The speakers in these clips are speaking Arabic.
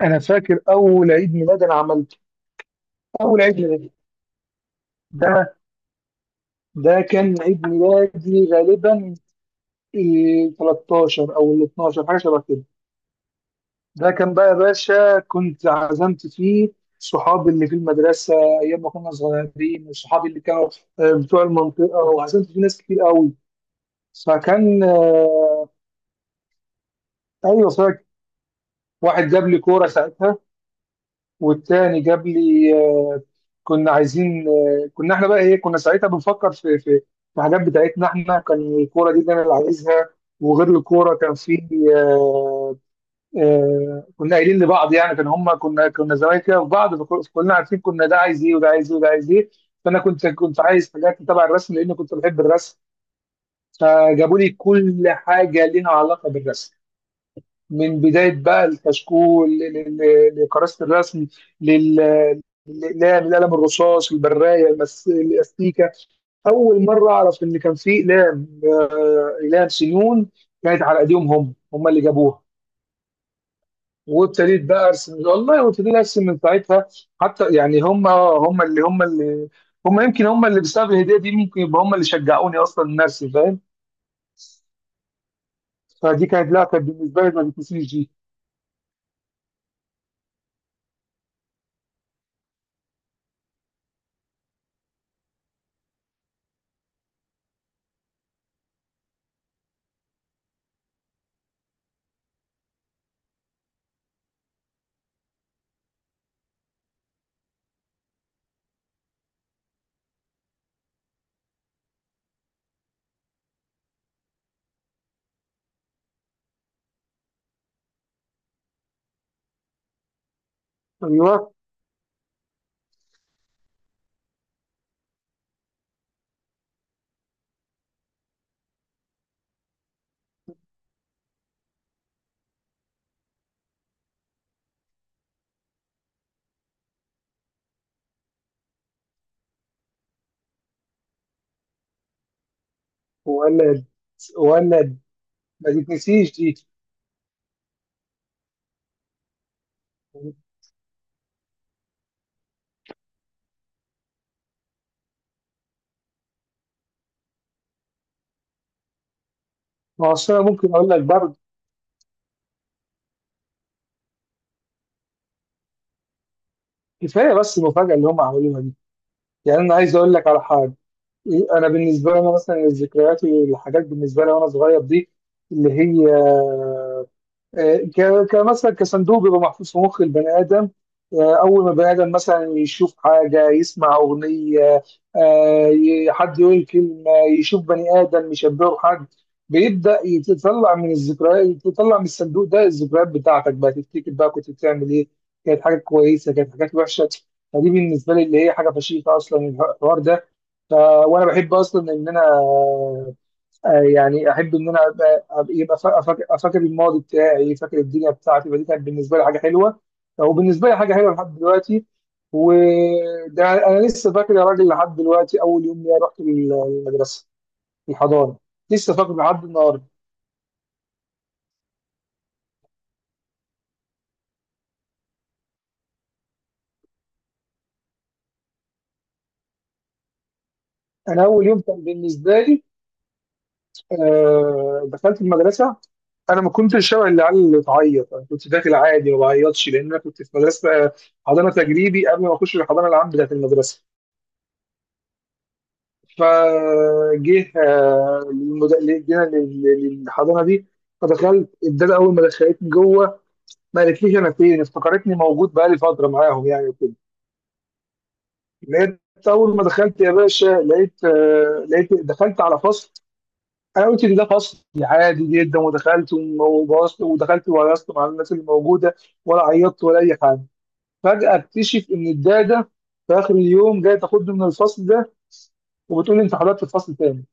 انا فاكر اول عيد ميلاد انا عملته. اول عيد ميلاد، ده ده كان عيد ميلادي غالبا، إيه 13 او ال 12، حاجه شبه كده. ده كان بقى يا باشا، كنت عزمت فيه صحابي اللي في المدرسه ايام ما كنا صغيرين، وصحابي اللي كانوا بتوع المنطقه، وعزمت فيه ناس كتير قوي. فكان آه، ايوه فاكر، واحد جاب لي كوره ساعتها، والتاني جاب لي كنا عايزين، كنا احنا بقى ايه، كنا ساعتها بنفكر في حاجات بتاعتنا احنا. كان الكوره دي اللي انا اللي عايزها، وغير الكوره كان في. آه، كنا قايلين لبعض يعني. كان هم، كنا زمان كده في بعض، فكلنا عارفين كنا ده عايز ايه وده عايز ايه وده عايز ايه. فانا كنت عايز حاجات تبع الرسم، لان كنت بحب الرسم. فجابوا لي كل حاجه ليها علاقه بالرسم، من بدايه بقى الكشكول لكراسه الرسم، لل- للاقلام، القلم الرصاص، البرايه، الاستيكه. اول مره اعرف ان كان في اقلام، اقلام سنون. كانت على ايديهم، هم اللي جابوها. وابتديت بقى ارسم والله، وابتديت ارسم من ساعتها. حتى يعني، هم يمكن هم اللي بسبب الهديه دي، ممكن يبقى هم اللي شجعوني اصلا ان ارسم، فاهم. فدي كانت، لا كانت بالنسبه لي ما بتنسيش دي. ايوه. ولد ولد، ما تتنسيش دي. ما هو أصل أنا ممكن اقول لك برضه، كفايه بس المفاجاه اللي هم عملوها دي. يعني انا عايز اقول لك على حاجه. إيه، انا بالنسبه لي، انا مثلا الذكريات والحاجات بالنسبه لي وانا صغير دي، اللي هي كمثلا كصندوق بيبقى محفوظ في مخ البني ادم. اول ما البني ادم مثلا يشوف حاجه، يسمع اغنيه، حد يقول كلمه، يشوف بني ادم يشبهه بحد، بيبدا يطلع من الذكريات، يطلع من الصندوق ده الذكريات بتاعتك، بقى تفتكر بقى كنت بتعمل ايه. كانت حاجات كويسه، كانت حاجات وحشه. فدي بالنسبه لي اللي هي حاجه فشيخه اصلا الحوار ده. ف... وانا بحب اصلا ان انا، يعني احب ان انا يبقى فاكر فاكر الماضي بتاعي، فاكر الدنيا بتاعتي. فدي كانت بالنسبه لي حاجه حلوه، او بالنسبه لي حاجه حلوه لحد دلوقتي. وده انا لسه فاكر يا راجل لحد دلوقتي، اول يوم ليا رحت المدرسه، الحضانه، لسه فاكر لحد النهارده. انا اول يوم كان بالنسبه لي، دخلت المدرسه. انا ما كنتش شبه العيال اللي تعيط، انا كنت داخل عادي ما بعيطش، لان انا كنت في مدرسه حضانه تجريبي قبل ما اخش الحضانه العام بتاعت المدرسه. فجه آه، للمد... ل- جينا للحضانه دي. فدخلت الداده، اول ما دخلتني جوه، ما قالتليش انا فين، افتكرتني موجود بقالي فتره معاهم يعني، وكده. لقيت اول ما دخلت يا باشا، لقيت دخلت على فصل. انا قلت إن ده فصل عادي جدا، ودخلت وبوظت، ودخلت وهيصت مع الناس اللي موجوده، ولا عيطت ولا اي حاجه. فجاه اكتشف ان الداده في اخر اليوم جايه تاخدني من الفصل ده، وبتقول لي انت حضرت الفصل تاني.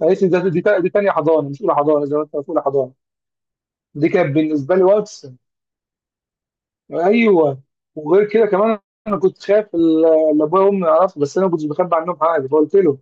فقالت لي دي تانية حضانة مش أولى حضانة زي ما أنت قلت، أولى حضانة. دي كانت بالنسبة لي واتس. أيوه. وغير كده كمان، أنا كنت خايف اللي أبويا وأمي يعرفوا، بس أنا ما كنتش بخبي عنهم حاجة، فقلت له،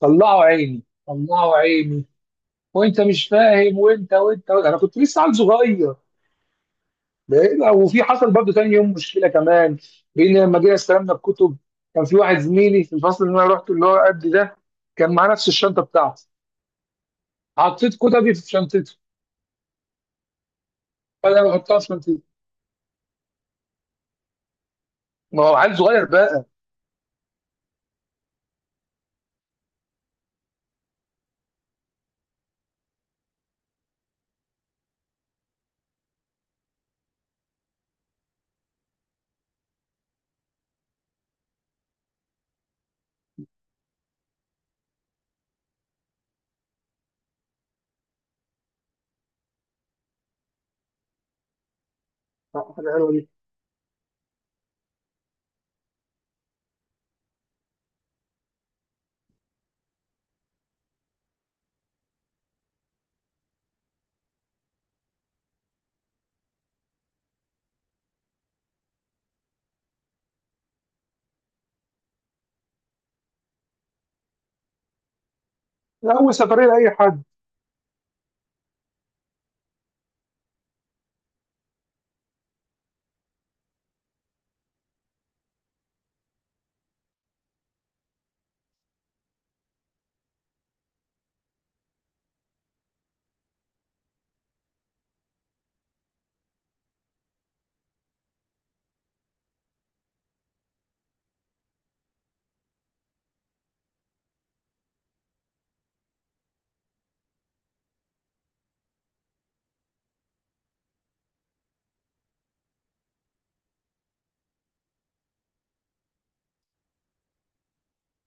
طلعوا عيني طلعوا عيني، وأنت مش فاهم، وأنت وأنت، وأنت. أنا كنت لسه عيل صغير. وفي حصل برضه تاني يوم مشكلة كمان، بإن لما جينا استلمنا الكتب، كان في واحد زميلي في الفصل اللي أنا رحت اللي هو قد ده، كان معاه نفس الشنطة بتاعتي. حطيت كتبي في شنطته، فأنا بحطها في شنطتي. ما هو عيل صغير. لا، حاجة حلوة دي. لا، أول سفرية لأي حد.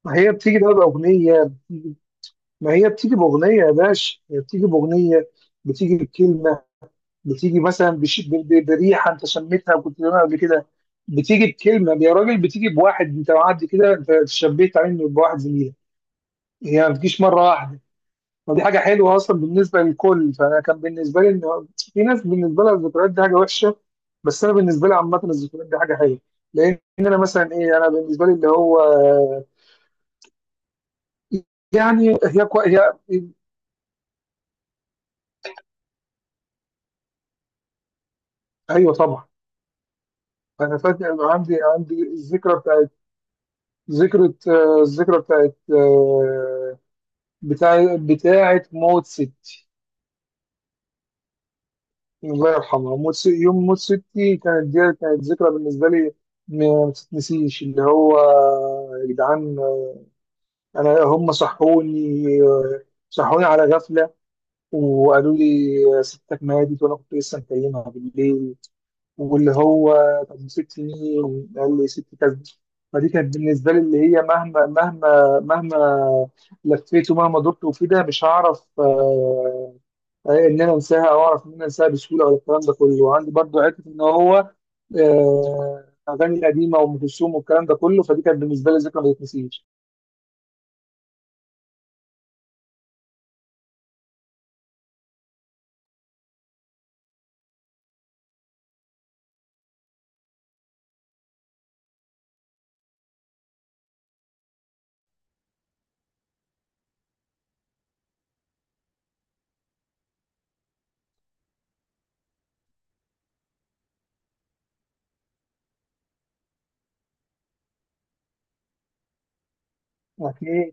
ما هي بتيجي بقى بأغنية بتيجي- ما هي بتيجي بأغنية يا باشا، هي بتيجي بأغنية، بتيجي بكلمة، بتيجي مثلا بريحة أنت شميتها وكنت بتقولها قبل كده، بتيجي بكلمة يا راجل، بتيجي بواحد أنت معدي كده أنت شبيت منه بواحد زميلك. هي ما بتجيش مرة واحدة. ودي حاجة حلوة أصلا بالنسبة للكل، فأنا كان بالنسبة لي إن في ناس بالنسبة لها الذكريات دي حاجة وحشة. بس أنا بالنسبة لي عامة الذكريات دي حاجة حلوة. لأن أنا مثلا إيه أنا بالنسبة لي اللي هو، يعني هي. ايوه طبعا. انا فاكر عندي الذكرى بتاعت بتاعت موت ستي. الله يرحمها. يوم موت ستي كانت، دي كانت ذكرى بالنسبه لي ما تتنسيش، اللي هو، يا جدعان، انا هم صحوني، صحوني على غفله، وقالوا لي ستك ماتت، وانا كنت لسه مكلمها بالليل. واللي هو طب، 6 سنين قال لي ست كذا. فدي كانت بالنسبه لي اللي هي، مهما مهما مهما لفيت ومهما دورت وفي ده مش هعرف، ان انا انساها او اعرف ان انا انساها بسهوله، ولا الكلام ده كله. وعندي برضو حته ان هو اغاني قديمه وام كلثوم والكلام ده كله. فدي كانت بالنسبه لي ذكرى ما تتنسيش. لكن ايه.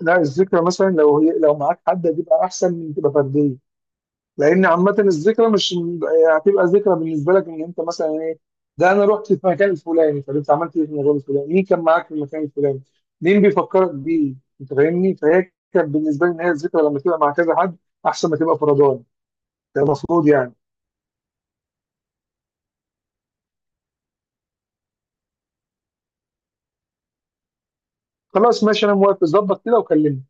لا، الذكرى مثلا لو هي، لو معاك حد دي بقى احسن من تبقى فرديه. لان عامه الذكرى مش يعني، هتبقى ذكرى بالنسبه لك ان انت مثلا ايه، ده انا رحت في مكان الفلاني، طب انت عملت ايه في المكان الفلاني، مين كان معاك في المكان الفلاني، مين بيفكرك بيه. انت فاهمني. فهي كانت بالنسبه لي ان هي الذكرى لما تبقى مع كذا حد احسن ما تبقى فردان، ده المفروض يعني. خلاص ماشي انا موافق، ظبط كده وكلمني.